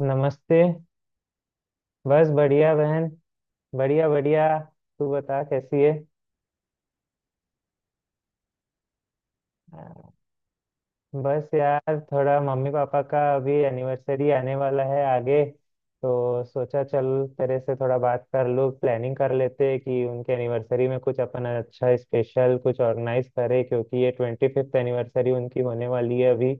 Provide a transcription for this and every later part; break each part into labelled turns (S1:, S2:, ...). S1: नमस्ते। बस बढ़िया बहन। बढ़िया बढ़िया। तू बता कैसी है। आ, बस यार थोड़ा मम्मी पापा का अभी एनिवर्सरी आने वाला है आगे, तो सोचा चल तेरे से थोड़ा बात कर लूँ। प्लानिंग कर लेते हैं कि उनके एनिवर्सरी में कुछ अपन अच्छा स्पेशल कुछ ऑर्गेनाइज करें, क्योंकि ये 25th एनिवर्सरी उनकी होने वाली है अभी।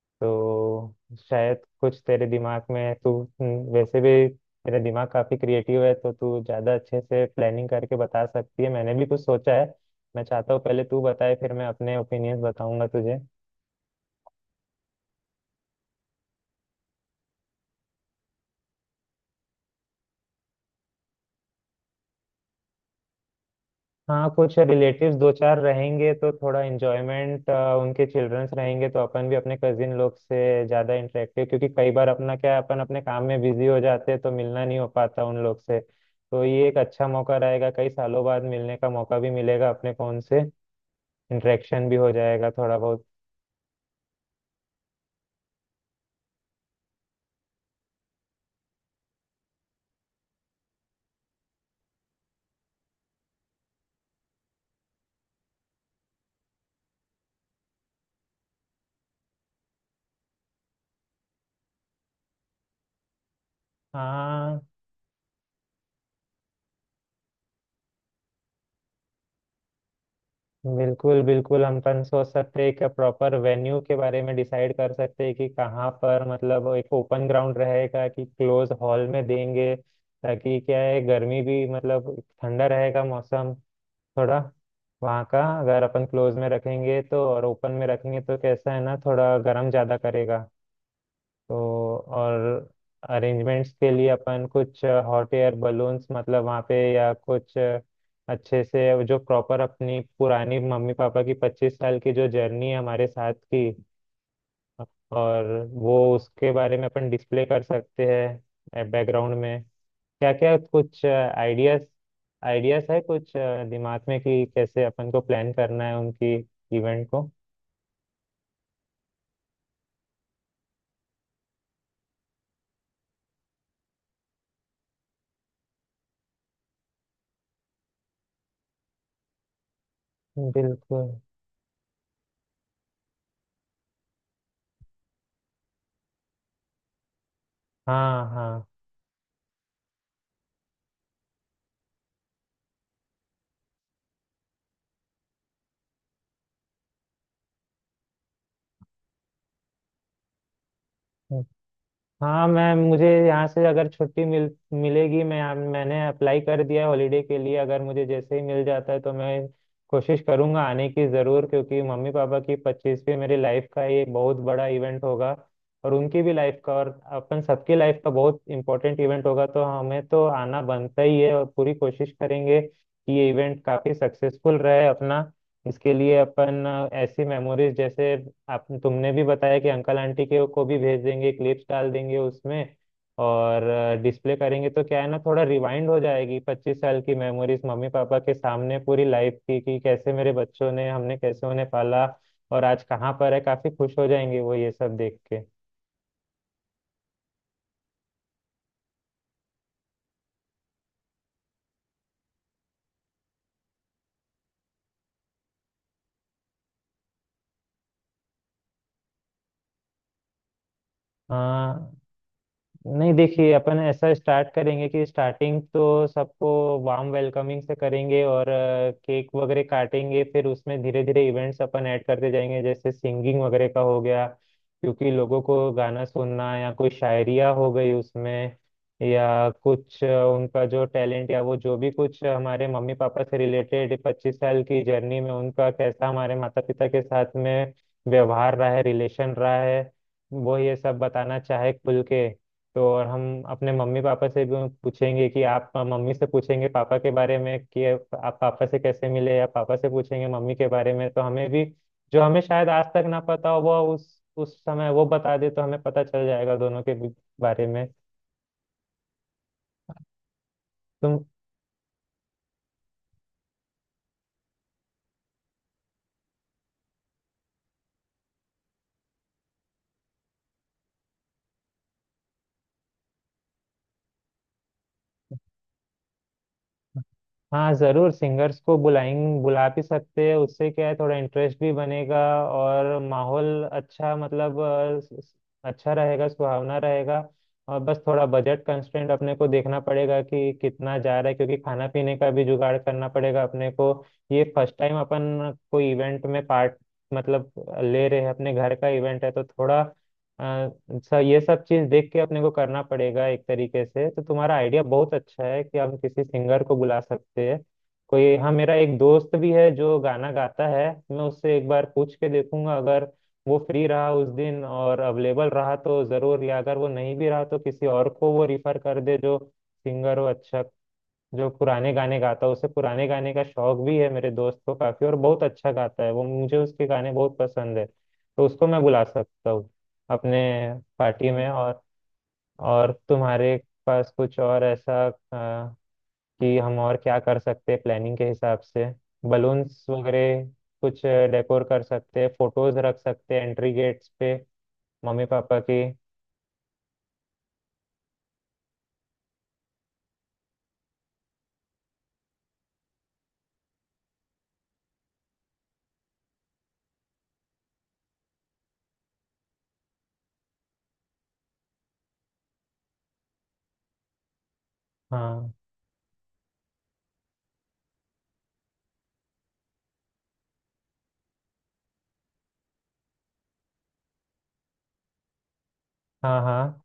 S1: तो शायद कुछ तेरे दिमाग में है तू, वैसे भी तेरा दिमाग काफी क्रिएटिव है, तो तू ज्यादा अच्छे से प्लानिंग करके बता सकती है। मैंने भी कुछ सोचा है। मैं चाहता हूँ पहले तू बताए, फिर मैं अपने ओपिनियंस बताऊंगा तुझे। हाँ, कुछ रिलेटिव्स दो चार रहेंगे तो थोड़ा इंजॉयमेंट, उनके चिल्ड्रंस रहेंगे तो अपन भी अपने कजिन लोग से ज़्यादा इंटरेक्टिव, क्योंकि कई बार अपना क्या है अपन अपने काम में बिजी हो जाते हैं, तो मिलना नहीं हो पाता उन लोग से। तो ये एक अच्छा मौका रहेगा, कई सालों बाद मिलने का मौका भी मिलेगा अपने फ़ोन से। इंटरेक्शन भी हो जाएगा थोड़ा बहुत। हाँ, बिल्कुल बिल्कुल हम अपन सोच सकते हैं कि प्रॉपर वेन्यू के बारे में डिसाइड कर सकते हैं कि कहाँ पर, मतलब एक ओपन ग्राउंड रहेगा कि क्लोज हॉल में देंगे, ताकि क्या है गर्मी भी मतलब ठंडा रहेगा मौसम थोड़ा वहाँ का। अगर अपन क्लोज में रखेंगे तो और ओपन में रखेंगे तो कैसा है ना, थोड़ा गर्म ज़्यादा करेगा। तो और अरेंजमेंट्स के लिए अपन कुछ हॉट एयर बलून्स मतलब वहाँ पे या कुछ अच्छे से जो प्रॉपर अपनी पुरानी मम्मी पापा की 25 साल की जो जर्नी है हमारे साथ की, और वो उसके बारे में अपन डिस्प्ले कर सकते हैं बैकग्राउंड में। क्या क्या कुछ आइडियाज आइडियाज है कुछ दिमाग में कि कैसे अपन को प्लान करना है उनकी इवेंट को। बिल्कुल। हाँ हाँ। हाँ मैम, मुझे यहाँ से अगर छुट्टी मिलेगी, मैं मैंने अप्लाई कर दिया है हॉलीडे के लिए, अगर मुझे जैसे ही मिल जाता है तो मैं कोशिश करूँगा आने की ज़रूर, क्योंकि मम्मी पापा की 25वीं मेरी लाइफ का ये बहुत बड़ा इवेंट होगा, और उनकी भी लाइफ का और अपन सबकी लाइफ का बहुत इंपॉर्टेंट इवेंट होगा। तो हमें तो आना बनता ही है, और पूरी कोशिश करेंगे कि ये इवेंट काफ़ी सक्सेसफुल रहे अपना। इसके लिए अपन ऐसी मेमोरीज जैसे आप तुमने भी बताया कि अंकल आंटी के को भी भेज देंगे, क्लिप्स डाल देंगे उसमें, और डिस्प्ले करेंगे, तो क्या है ना थोड़ा रिवाइंड हो जाएगी 25 साल की मेमोरीज मम्मी पापा के सामने पूरी लाइफ की कि कैसे मेरे बच्चों ने हमने कैसे उन्हें पाला, और आज कहाँ पर है, काफी खुश हो जाएंगे वो ये सब देख के। हाँ, नहीं देखिए अपन ऐसा स्टार्ट करेंगे कि स्टार्टिंग तो सबको वार्म वेलकमिंग से करेंगे, और केक वगैरह काटेंगे, फिर उसमें धीरे धीरे इवेंट्स अपन ऐड करते जाएंगे जैसे सिंगिंग वगैरह का हो गया, क्योंकि लोगों को गाना सुनना, या कोई शायरिया हो गई उसमें, या कुछ उनका जो टैलेंट या वो जो भी कुछ हमारे मम्मी पापा से रिलेटेड 25 साल की जर्नी में, उनका कैसा हमारे माता पिता के साथ में व्यवहार रहा है रिलेशन रहा है, वो ये सब बताना चाहे खुल के। तो और हम अपने मम्मी पापा से भी पूछेंगे कि आप मम्मी से पूछेंगे पापा के बारे में कि आप पापा से कैसे मिले, या पापा से पूछेंगे मम्मी के बारे में, तो हमें भी जो हमें शायद आज तक ना पता हो वो उस समय वो बता दे, तो हमें पता चल जाएगा दोनों के बारे में। तुम। हाँ जरूर सिंगर्स को बुलाएं, बुला भी सकते हैं, उससे क्या है थोड़ा इंटरेस्ट भी बनेगा, और माहौल अच्छा मतलब अच्छा रहेगा सुहावना रहेगा। और बस थोड़ा बजट कंस्ट्रेंट अपने को देखना पड़ेगा कि कितना जा रहा है, क्योंकि खाना पीने का भी जुगाड़ करना पड़ेगा अपने को। ये फर्स्ट टाइम अपन कोई इवेंट में पार्ट मतलब ले रहे हैं, अपने घर का इवेंट है तो थोड़ा अच्छा ये सब चीज देख के अपने को करना पड़ेगा एक तरीके से। तो तुम्हारा आइडिया बहुत अच्छा है कि हम किसी सिंगर को बुला सकते हैं कोई। हाँ मेरा एक दोस्त भी है जो गाना गाता है, मैं उससे एक बार पूछ के देखूंगा, अगर वो फ्री रहा उस दिन और अवेलेबल रहा तो जरूर, या अगर वो नहीं भी रहा तो किसी और को वो रिफर कर दे जो सिंगर हो अच्छा, जो पुराने गाने गाता है, उसे पुराने गाने का शौक भी है मेरे दोस्त को काफी, और बहुत अच्छा गाता है वो, मुझे उसके गाने बहुत पसंद है, तो उसको मैं बुला सकता हूँ अपने पार्टी में। और तुम्हारे पास कुछ और ऐसा अ, कि हम और क्या कर सकते हैं प्लानिंग के हिसाब से? बलून्स वगैरह कुछ डेकोर कर सकते हैं, फोटोज रख सकते हैं एंट्री गेट्स पे मम्मी पापा की। हाँ हाँ हाँ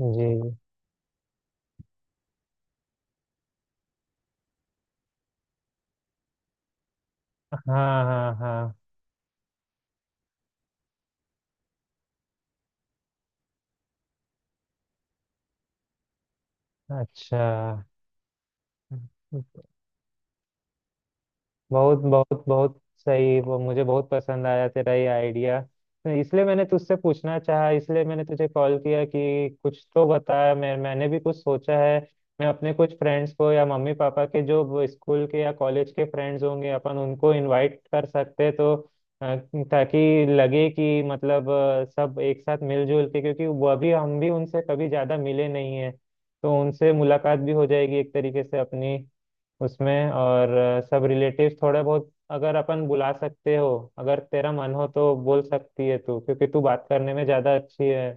S1: जी। हाँ हाँ हाँ। अच्छा, बहुत बहुत बहुत सही, वो मुझे बहुत पसंद आया तेरा ये आइडिया। तो इसलिए मैंने तुझसे पूछना चाहा, इसलिए मैंने तुझे कॉल किया कि कुछ तो बता, मैंने भी कुछ सोचा है। मैं अपने कुछ फ्रेंड्स को, या मम्मी पापा के जो स्कूल के या कॉलेज के फ्रेंड्स होंगे अपन उनको इनवाइट कर सकते हैं, तो अ, ताकि लगे कि मतलब सब एक साथ मिलजुल के, क्योंकि वह भी हम भी उनसे कभी ज़्यादा मिले नहीं है, तो उनसे मुलाकात भी हो जाएगी एक तरीके से अपनी उसमें, और सब रिलेटिव्स थोड़े बहुत अगर अपन बुला सकते हो, अगर तेरा मन हो तो बोल सकती है तू, क्योंकि तू बात करने में ज्यादा अच्छी है।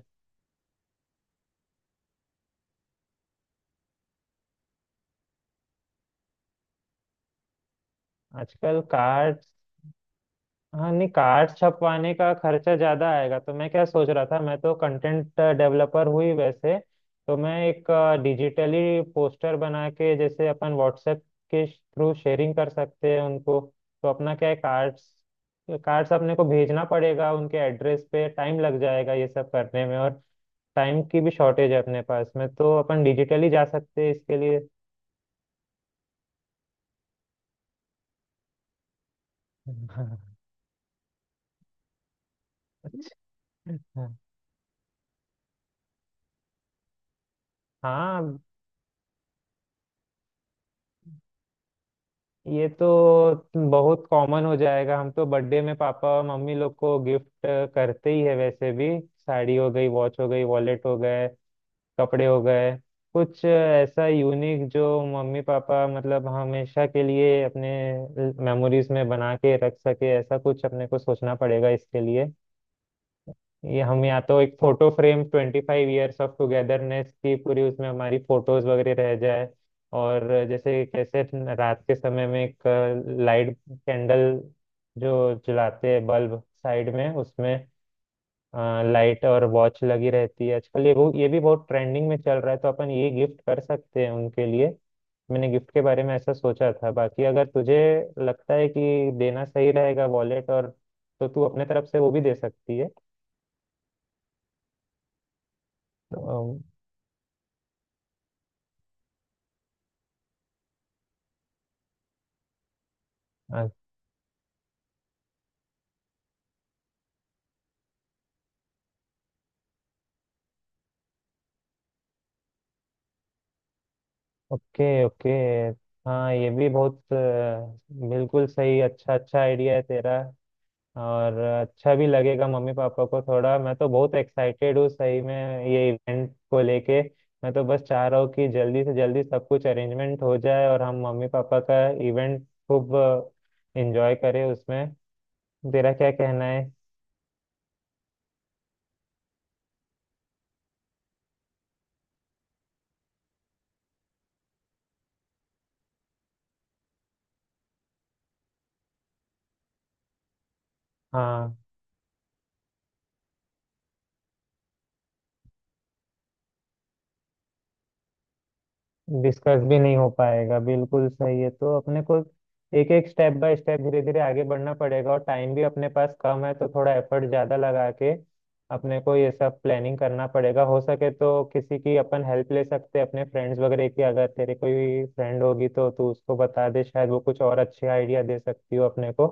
S1: आजकल कार्ड्स, हाँ नहीं कार्ड्स छपवाने का खर्चा ज्यादा आएगा, तो मैं क्या सोच रहा था, मैं तो कंटेंट डेवलपर हुई वैसे, तो मैं एक डिजिटली पोस्टर बना के जैसे अपन व्हाट्सएप के थ्रू शेयरिंग कर सकते हैं उनको। तो अपना क्या है, कार्ड्स कार्ड्स अपने को भेजना पड़ेगा उनके एड्रेस पे, टाइम लग जाएगा ये सब करने में, और टाइम की भी शॉर्टेज है अपने पास में, तो अपन डिजिटली जा सकते हैं इसके लिए। अच्छा, हाँ ये तो बहुत कॉमन हो जाएगा, हम तो बर्थडे में पापा और मम्मी लोग को गिफ्ट करते ही है वैसे भी, साड़ी हो गई वॉच हो गई वॉलेट हो गए कपड़े हो गए। कुछ ऐसा यूनिक जो मम्मी पापा मतलब हमेशा के लिए अपने मेमोरीज में बना के रख सके, ऐसा कुछ अपने को सोचना पड़ेगा इसके लिए। ये हम या तो एक photo frame 25 years of togetherness की, पूरी उसमें हमारी फोटोज वगैरह रह जाए। और जैसे कैसे रात के समय में एक लाइट कैंडल जो जलाते हैं बल्ब साइड में उसमें, लाइट और वॉच लगी रहती है आजकल, ये ये भी बहुत ट्रेंडिंग में चल रहा है, तो अपन ये गिफ्ट कर सकते हैं उनके लिए। मैंने गिफ्ट के बारे में ऐसा सोचा था, बाकी अगर तुझे लगता है कि देना सही रहेगा वॉलेट और, तो तू अपने तरफ से वो भी दे सकती है। तो, ओके ओके। हाँ ये भी बहुत बिल्कुल सही अच्छा अच्छा आइडिया है तेरा, और अच्छा भी लगेगा मम्मी पापा को थोड़ा। मैं तो बहुत एक्साइटेड हूँ सही में ये इवेंट को लेके। मैं तो बस चाह रहा हूँ कि जल्दी से जल्दी सब कुछ अरेंजमेंट हो जाए और हम मम्मी पापा का इवेंट खूब एंजॉय करें उसमें। तेरा क्या कहना है? हाँ, डिस्कस भी नहीं हो पाएगा, बिल्कुल सही है। तो अपने को एक एक स्टेप बाय स्टेप धीरे धीरे आगे बढ़ना पड़ेगा, और टाइम भी अपने पास कम है, तो थोड़ा एफर्ट ज्यादा लगा के अपने को ये सब प्लानिंग करना पड़ेगा। हो सके तो किसी की अपन हेल्प ले सकते हैं अपने फ्रेंड्स वगैरह की, अगर तेरे कोई फ्रेंड होगी तो तू उसको बता दे, शायद वो कुछ और अच्छे आइडिया दे सकती हो अपने को।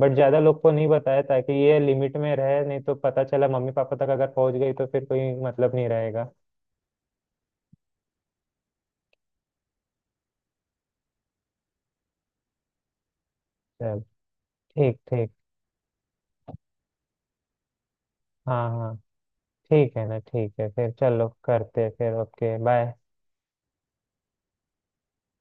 S1: बट ज्यादा लोग को नहीं बताया ताकि ये लिमिट में रहे, नहीं तो पता चला मम्मी पापा तक अगर पहुंच गई तो फिर कोई मतलब नहीं रहेगा। चल, ठीक ठीक। हाँ हाँ। ठीक है ना, ठीक है फिर, चलो करते हैं फिर, ओके बाय।